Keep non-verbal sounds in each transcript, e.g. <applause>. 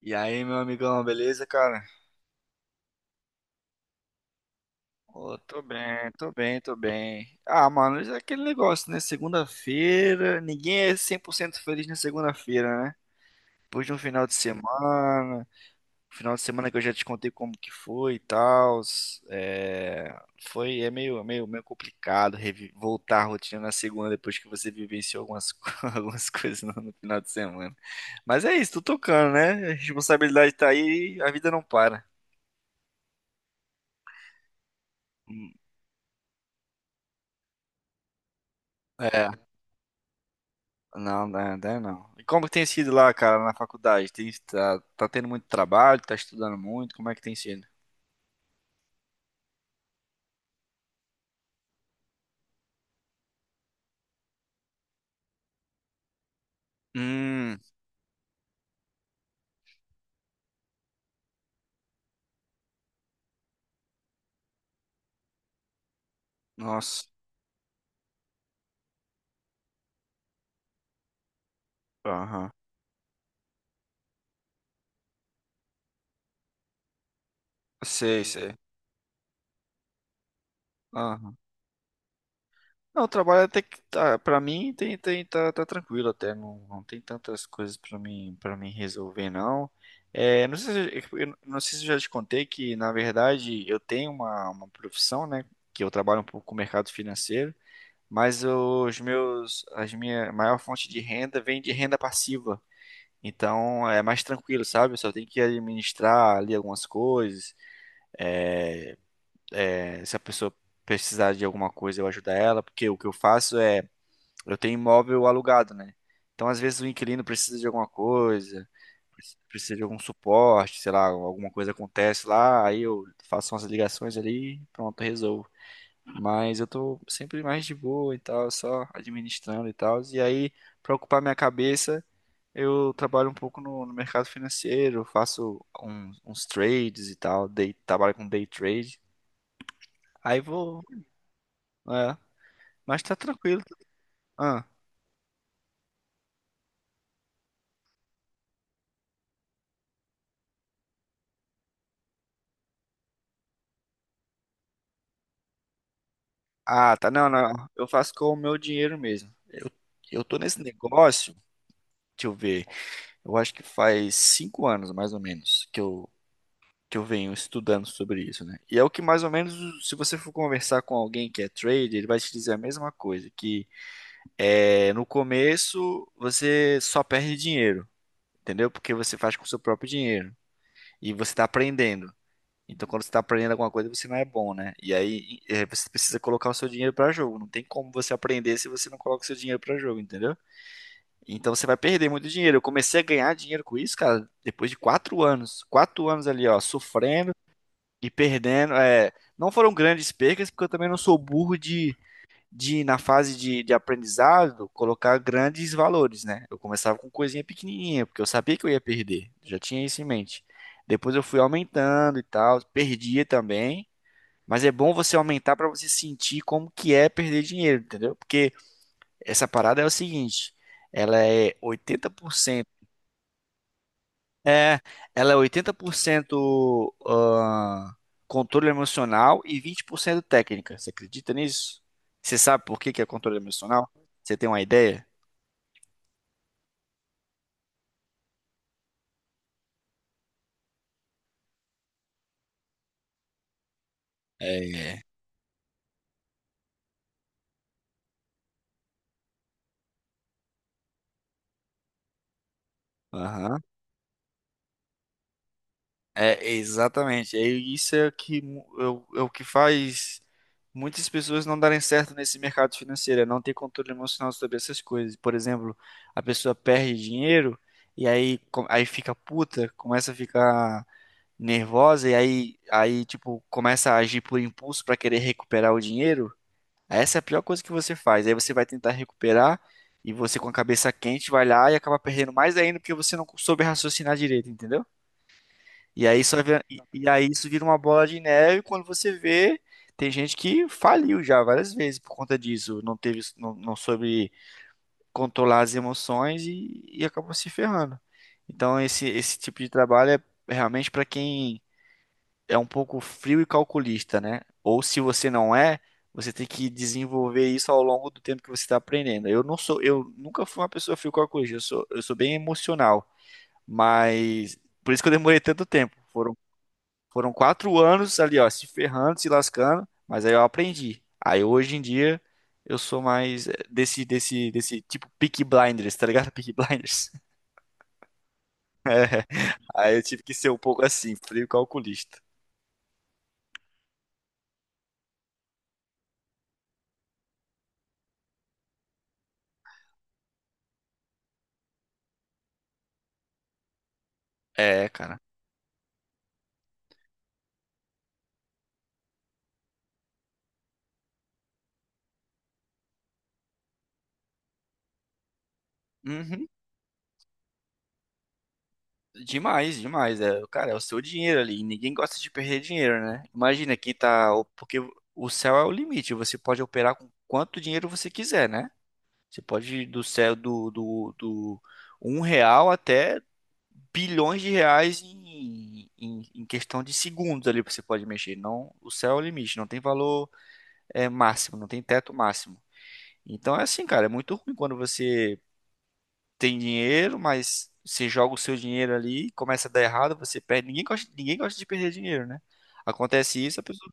E aí, meu amigão, beleza, cara? Ô, tô bem, tô bem, tô bem. Ah, mano, isso é aquele negócio, né? Segunda-feira, ninguém é 100% feliz na segunda-feira, né? Depois de um final de semana que eu já te contei como que foi e tal, é... foi, é meio complicado voltar à rotina na segunda depois que você vivenciou <laughs> algumas coisas no final de semana. Mas é isso, tô tocando, né? A responsabilidade tá aí, e a vida não para. Hum. É. Não, não, não, não. E como que tem sido lá, cara, na faculdade? Tá tendo muito trabalho, tá estudando muito, como é que tem sido? Hum. Nossa. Aham. Sei, sei. Aham. Não, o trabalho até que tá, pra mim tem, tá tranquilo até, não tem tantas coisas para mim resolver, não. É, não sei se, eu não sei se eu já te contei que, na verdade, eu tenho uma profissão, né, que eu trabalho um pouco com o mercado financeiro, mas as minha maior fonte de renda vem de renda passiva. Então é mais tranquilo, sabe? Eu só tenho que administrar ali algumas coisas. É, se a pessoa precisar de alguma coisa, eu ajudo ela, porque o que eu faço é, eu tenho imóvel alugado, né? Então às vezes o inquilino precisa de alguma coisa, precisa de algum suporte, sei lá, alguma coisa acontece lá, aí eu faço umas ligações ali, pronto, resolvo. Mas eu tô sempre mais de boa e tal, só administrando e tal. E aí, para ocupar minha cabeça, eu trabalho um pouco no mercado financeiro, faço uns trades e tal, trabalho com day trade. Aí vou, é, mas tá tranquilo. Ah, ah, tá, não, não, eu faço com o meu dinheiro mesmo. Eu tô nesse negócio, deixa eu ver, eu acho que faz 5 anos mais ou menos que eu venho estudando sobre isso, né? E é o que mais ou menos, se você for conversar com alguém que é trader, ele vai te dizer a mesma coisa, que é, no começo você só perde dinheiro, entendeu? Porque você faz com o seu próprio dinheiro e você está aprendendo. Então, quando você está aprendendo alguma coisa, você não é bom, né? E aí é, você precisa colocar o seu dinheiro para jogo. Não tem como você aprender se você não coloca o seu dinheiro para jogo, entendeu? Então você vai perder muito dinheiro. Eu comecei a ganhar dinheiro com isso, cara, depois de 4 anos. 4 anos ali, ó, sofrendo e perdendo, é, não foram grandes percas, porque eu também não sou burro de na fase de aprendizado, colocar grandes valores, né? Eu começava com coisinha pequenininha, porque eu sabia que eu ia perder, já tinha isso em mente. Depois eu fui aumentando e tal, perdia também, mas é bom você aumentar para você sentir como que é perder dinheiro, entendeu? Porque essa parada é o seguinte, ela é oitenta por cento é, ela é 80% controle emocional e 20% técnica. Você acredita nisso? Você sabe por que que é controle emocional? Você tem uma ideia? É. Aham. É, exatamente. É isso é o que mu- é o é o que faz muitas pessoas não darem certo nesse mercado financeiro, é não ter controle emocional sobre essas coisas. Por exemplo, a pessoa perde dinheiro e aí, aí fica puta, começa a ficar nervosa e aí, aí tipo, começa a agir por impulso para querer recuperar o dinheiro, essa é a pior coisa que você faz. Aí você vai tentar recuperar e você com a cabeça quente vai lá e acaba perdendo mais ainda porque você não soube raciocinar direito, entendeu? E aí aí isso vira uma bola de neve e quando você vê, tem gente que faliu já várias vezes por conta disso, não teve, não, não soube controlar as emoções e acabou se ferrando. Então esse tipo de trabalho é realmente para quem é um pouco frio e calculista, né? Ou se você não é, você tem que desenvolver isso ao longo do tempo que você está aprendendo. Eu não sou, eu nunca fui uma pessoa frio e calculista, eu sou bem emocional, mas por isso que eu demorei tanto tempo. Foram 4 anos ali, ó, se ferrando, se lascando, mas aí eu aprendi. Aí hoje em dia eu sou mais desse tipo Peaky Blinders, tá ligado? Peaky Blinders. <laughs> Aí eu tive que ser um pouco assim, frio e calculista. É, cara. Uhum. Demais, demais. É, cara, é o seu dinheiro ali. E Ninguém gosta de perder dinheiro, né? Imagina que tá. Porque o céu é o limite. Você pode operar com quanto dinheiro você quiser, né? Você pode ir do céu do R$ 1 até bilhões de reais em questão de segundos ali você pode mexer. Não, o céu é o limite. Não tem valor é, máximo, não tem teto máximo. Então é assim, cara. É muito ruim quando você tem dinheiro, mas você joga o seu dinheiro ali, começa a dar errado, você perde. Ninguém gosta de perder dinheiro, né? Acontece isso,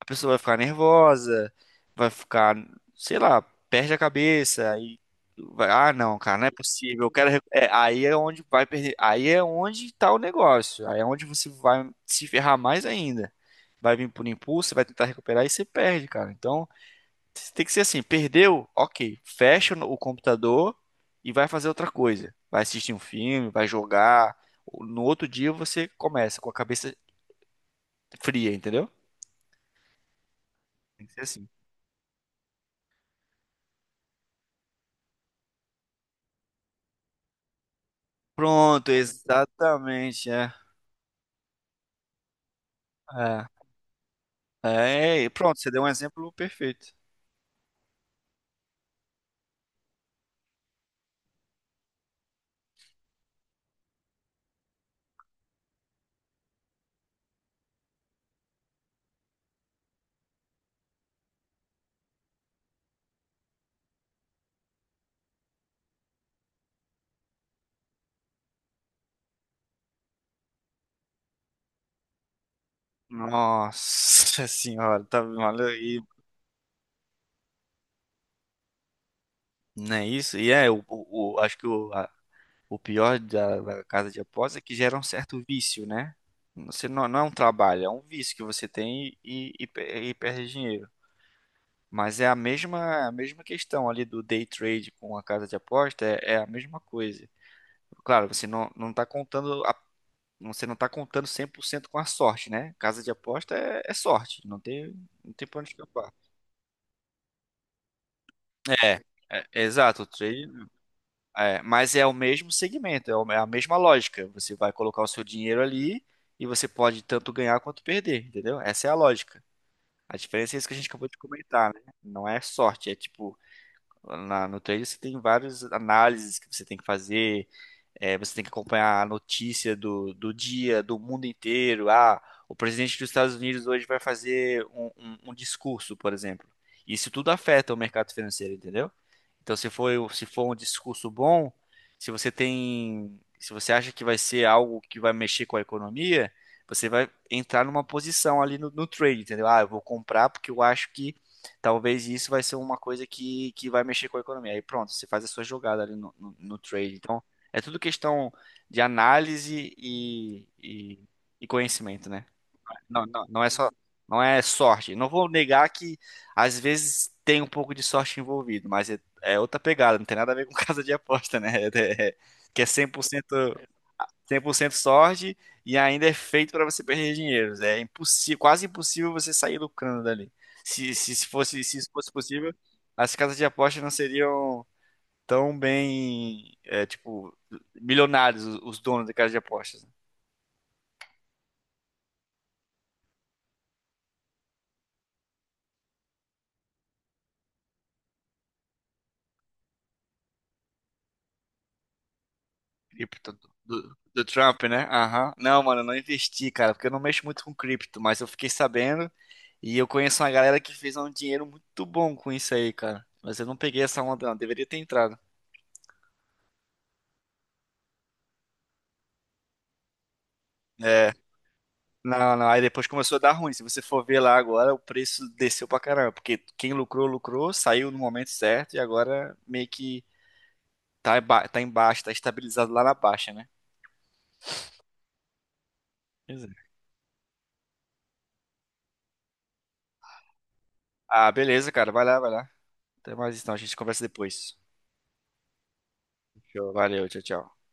a pessoa vai ficar nervosa, vai ficar, sei lá, perde a cabeça e vai, ah, não, cara, não é possível. Eu quero, é, aí é onde vai perder, aí é onde tá o negócio, aí é onde você vai se ferrar mais ainda. Vai vir por impulso, vai tentar recuperar e você perde, cara. Então, tem que ser assim, perdeu? Ok, fecha o computador e vai fazer outra coisa. Vai assistir um filme, vai jogar. No outro dia você começa com a cabeça fria, entendeu? Tem que ser assim. Pronto, exatamente, é. É, é, e pronto, você deu um exemplo perfeito. Nossa <laughs> senhora, tá, olha aí, não é isso? E é, acho que o pior da casa de aposta é que gera um certo vício, né? Você não, não é um trabalho, é um vício que você tem e perde dinheiro. Mas é a mesma questão ali do day trade com a casa de aposta, é, é a mesma coisa. Claro, você não tá contando 100% com a sorte, né? Casa de aposta é, é sorte, não tem pra onde escapar. É, é, exato, o trade É, mas é o mesmo segmento, é a mesma lógica. Você vai colocar o seu dinheiro ali e você pode tanto ganhar quanto perder, entendeu? Essa é a lógica. A diferença é isso que a gente acabou de comentar, né? Não é sorte, é tipo, no trade você tem várias análises que você tem que fazer, é, você tem que acompanhar a notícia do dia, do mundo inteiro. Ah, o presidente dos Estados Unidos hoje vai fazer um discurso, por exemplo. Isso tudo afeta o mercado financeiro, entendeu? Então, se for um discurso bom, se você acha que vai ser algo que vai mexer com a economia, você vai entrar numa posição ali no trade, entendeu? Ah, eu vou comprar porque eu acho que talvez isso vai ser uma coisa que vai mexer com a economia. Aí pronto, você faz a sua jogada ali no trade. Então, é tudo questão de análise e conhecimento, né? Não, não, não é sorte. Não vou negar que às vezes tem um pouco de sorte envolvido, mas é, é outra pegada, não tem nada a ver com <laughs> casa de aposta, né? Que é 100% sorte e ainda é feito para você perder dinheiro. É impossível, quase impossível você sair lucrando dali. Se fosse, se isso fosse possível, as casas de aposta não seriam tão bem, tipo, milionários os donos de casas de apostas, né? Cripto do Trump, né? Aham. Não, mano, eu não investi, cara, porque eu não mexo muito com cripto, mas eu fiquei sabendo e eu conheço uma galera que fez um dinheiro muito bom com isso aí, cara. Mas eu não peguei essa onda, não. Deveria ter entrado. É. Não, não. Aí depois começou a dar ruim. Se você for ver lá agora, o preço desceu pra caramba. Porque quem lucrou, lucrou, saiu no momento certo e agora meio que tá embaixo, tá estabilizado lá na baixa, né? Pois é. Ah, beleza, cara. Vai lá, vai lá. Até mais então. A gente conversa depois. Show. Valeu, tchau, tchau.